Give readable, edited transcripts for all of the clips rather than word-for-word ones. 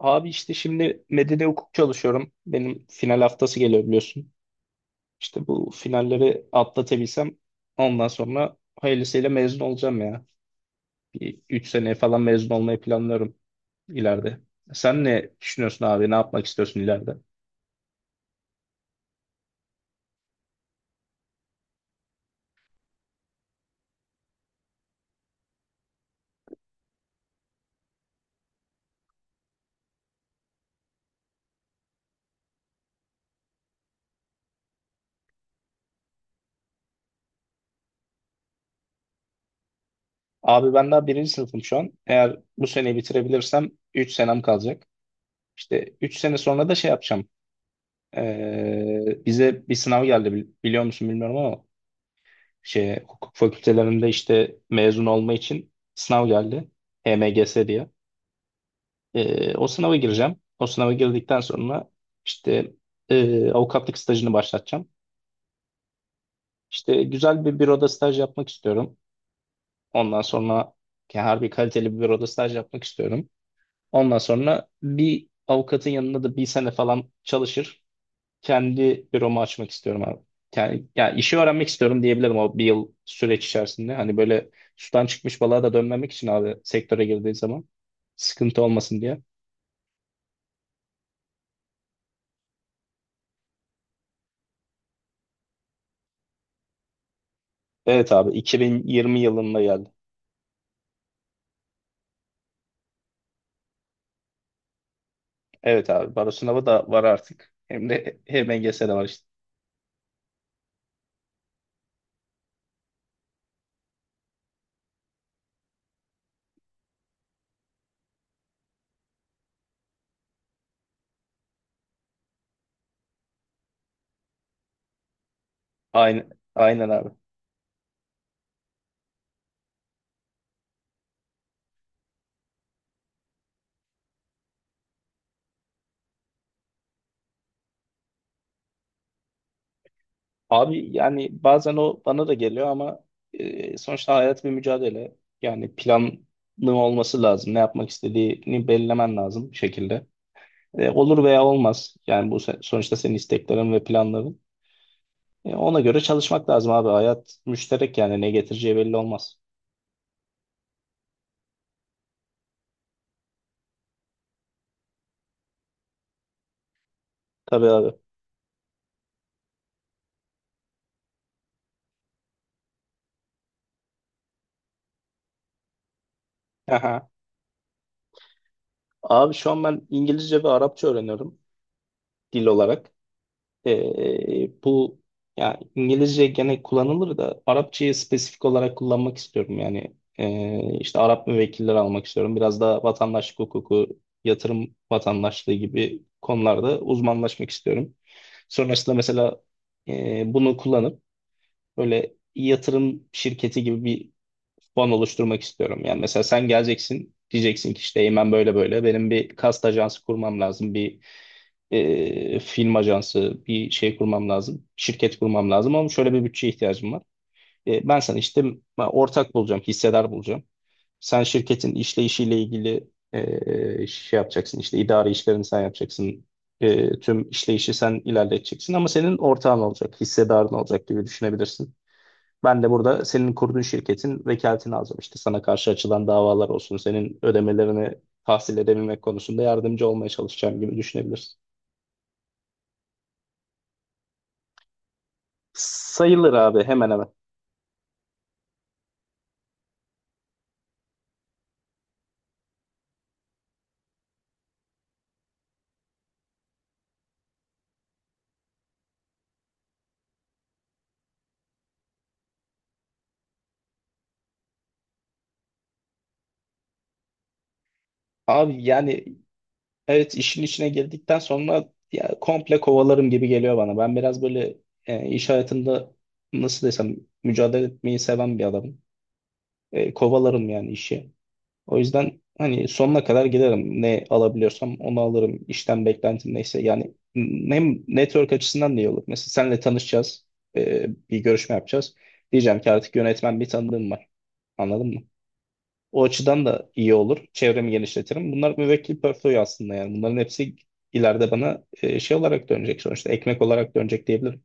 Abi işte şimdi medeni hukuk çalışıyorum. Benim final haftası geliyor biliyorsun. İşte bu finalleri atlatabilsem ondan sonra hayırlısıyla mezun olacağım ya. Bir 3 seneye falan mezun olmayı planlıyorum ileride. Sen ne düşünüyorsun abi? Ne yapmak istiyorsun ileride? Abi ben daha birinci sınıfım şu an. Eğer bu seneyi bitirebilirsem 3 senem kalacak. İşte 3 sene sonra da şey yapacağım. Bize bir sınav geldi biliyor musun bilmiyorum ama şey hukuk fakültelerinde işte mezun olma için sınav geldi. HMGS diye. O sınava gireceğim. O sınava girdikten sonra işte avukatlık stajını başlatacağım. İşte güzel bir büroda staj yapmak istiyorum. Ondan sonra yani harbi kaliteli bir büroda staj yapmak istiyorum. Ondan sonra bir avukatın yanında da bir sene falan çalışır, kendi büromu açmak istiyorum abi. Yani işi öğrenmek istiyorum diyebilirim o bir yıl süreç içerisinde. Hani böyle sudan çıkmış balığa da dönmemek için abi sektöre girdiği zaman sıkıntı olmasın diye. Evet abi 2020 yılında geldi. Evet abi baro sınavı da var artık. Hem de HMGS de var işte. Aynen, aynen abi. Abi yani bazen o bana da geliyor ama sonuçta hayat bir mücadele. Yani planlı olması lazım. Ne yapmak istediğini belirlemen lazım bir şekilde. Olur veya olmaz. Yani bu sonuçta senin isteklerin ve planların. Ona göre çalışmak lazım abi. Hayat müşterek yani ne getireceği belli olmaz. Tabii abi. Aha. Abi şu an ben İngilizce ve Arapça öğreniyorum dil olarak. Bu yani İngilizce gene kullanılır da Arapçayı spesifik olarak kullanmak istiyorum. Yani işte Arap müvekkilleri almak istiyorum. Biraz da vatandaşlık hukuku, yatırım vatandaşlığı gibi konularda uzmanlaşmak istiyorum. Sonrasında mesela bunu kullanıp böyle yatırım şirketi gibi bir fon oluşturmak istiyorum. Yani mesela sen geleceksin diyeceksin ki işte Eymen böyle böyle benim bir kast ajansı kurmam lazım. Bir film ajansı bir şey kurmam lazım. Şirket kurmam lazım ama şöyle bir bütçeye ihtiyacım var. Ben sana işte ortak bulacağım, hissedar bulacağım. Sen şirketin işleyişiyle ilgili şey yapacaksın, işte idari işlerini sen yapacaksın. Tüm işleyişi sen ilerleteceksin ama senin ortağın olacak, hissedarın olacak gibi düşünebilirsin. Ben de burada senin kurduğun şirketin vekaletini alacağım. İşte sana karşı açılan davalar olsun, senin ödemelerini tahsil edebilmek konusunda yardımcı olmaya çalışacağım gibi düşünebilirsin. Sayılır abi hemen hemen. Abi yani evet işin içine girdikten sonra ya, komple kovalarım gibi geliyor bana. Ben biraz böyle iş hayatında nasıl desem mücadele etmeyi seven bir adamım. Kovalarım yani işi. O yüzden hani sonuna kadar giderim. Ne alabiliyorsam onu alırım. İşten beklentim neyse. Yani hem network açısından da iyi olur. Mesela senle tanışacağız, bir görüşme yapacağız. Diyeceğim ki artık yönetmen bir tanıdığım var. Anladın mı? O açıdan da iyi olur. Çevremi genişletirim. Bunlar müvekkil portföy aslında yani. Bunların hepsi ileride bana şey olarak dönecek sonuçta. Ekmek olarak dönecek diyebilirim.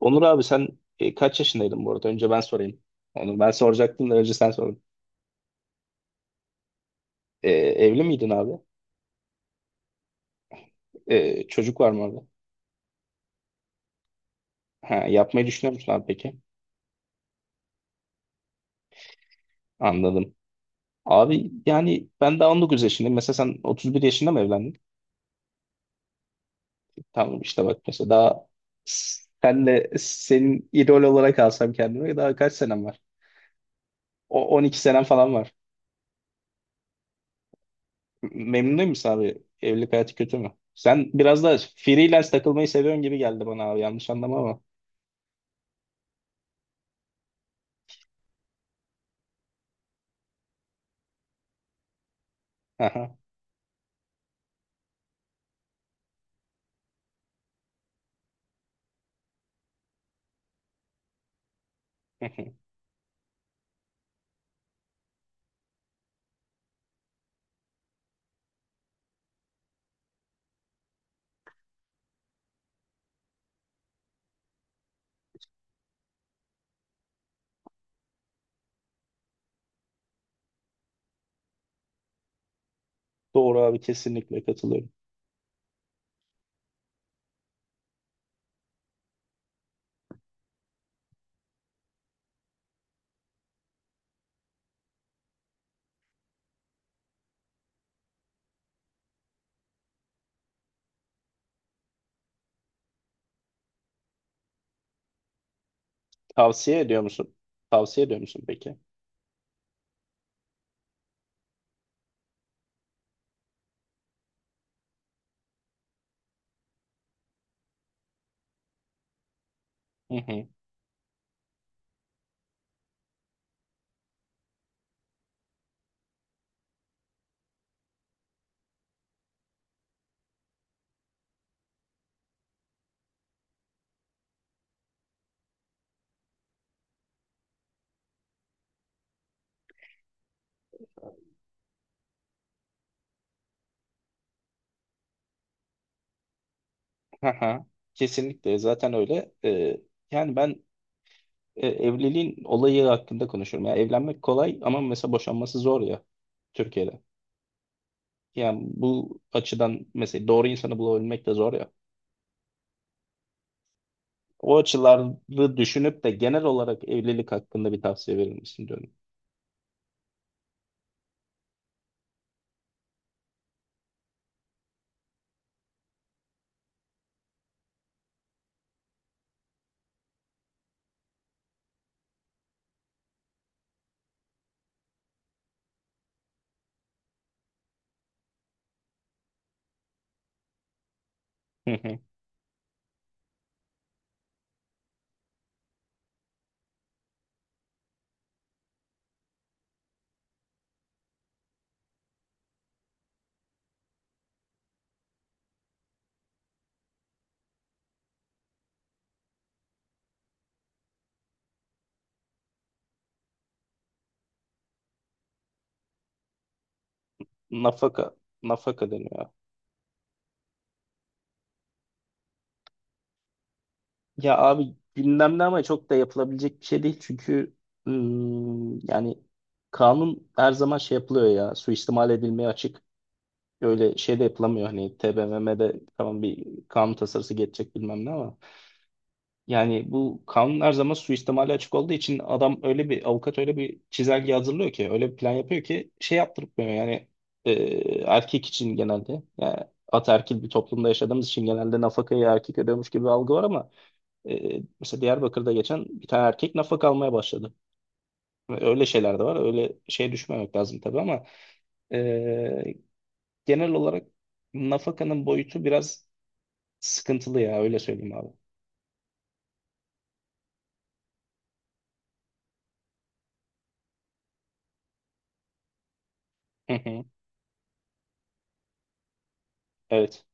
Onur abi sen kaç yaşındaydın bu arada? Önce ben sorayım. Onu ben soracaktım da önce sen sordun. Evli miydin abi? Çocuk var mı orada? Ha, yapmayı düşünüyor musun abi peki? Anladım. Abi yani ben daha 19 yaşındayım. Mesela sen 31 yaşında mı evlendin? Tamam işte bak mesela daha senle, senin idol olarak alsam kendime, daha kaç senem var? O 12 senem falan var. Memnun değil misin abi? Evlilik hayatı kötü mü? Sen biraz da freelance takılmayı seviyorsun gibi geldi bana abi, yanlış anlama ama. Aha. Doğru abi, kesinlikle katılıyorum. Tavsiye ediyor musun? Tavsiye ediyor musun peki? Haha. Kesinlikle zaten öyle. Yani ben evliliğin olayı hakkında konuşuyorum. Yani evlenmek kolay ama mesela boşanması zor ya, Türkiye'de. Yani bu açıdan mesela doğru insanı bulabilmek de zor ya. O açıları düşünüp de genel olarak evlilik hakkında bir tavsiye verir misin diyorum. Hı hı. Nafaka, nafaka deniyor. Ya abi gündemde ama çok da yapılabilecek bir şey değil çünkü yani kanun her zaman şey yapılıyor ya, suistimal edilmeye açık. Öyle şey de yapılamıyor, hani TBMM'de tamam bir kanun tasarısı geçecek bilmem ne ama yani bu kanun her zaman suistimale açık olduğu için adam öyle bir avukat öyle bir çizelge hazırlıyor ki öyle bir plan yapıyor ki şey yaptırmıyor yani. e, Erkek için genelde yani, ataerkil bir toplumda yaşadığımız için genelde nafakayı erkek ödüyormuş gibi bir algı var ama mesela Diyarbakır'da geçen bir tane erkek nafaka almaya başladı. Öyle şeyler de var, öyle şeye düşmemek lazım tabii ama ee, genel olarak nafakanın boyutu biraz sıkıntılı ya, öyle söyleyeyim abi. Hı hı. Evet.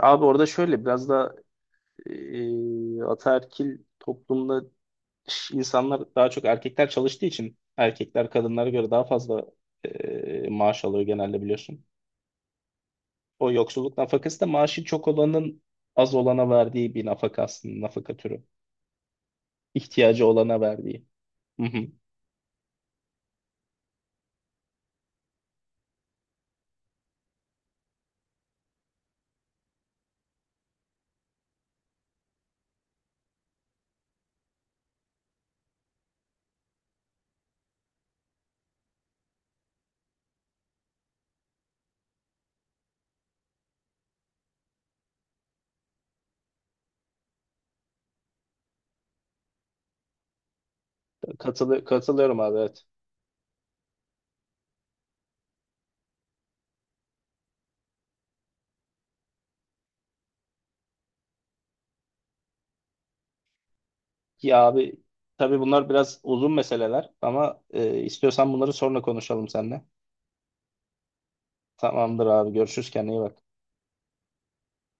Abi orada şöyle biraz da ataerkil toplumda insanlar daha çok, erkekler çalıştığı için erkekler kadınlara göre daha fazla maaş alıyor genelde biliyorsun. O yoksulluk nafakası da maaşı çok olanın az olana verdiği bir nafaka aslında, nafaka türü. İhtiyacı olana verdiği. Hı hı. Katılıyorum abi evet. Ya abi tabii bunlar biraz uzun meseleler ama istiyorsan bunları sonra konuşalım seninle. Tamamdır abi, görüşürüz, kendine iyi bak.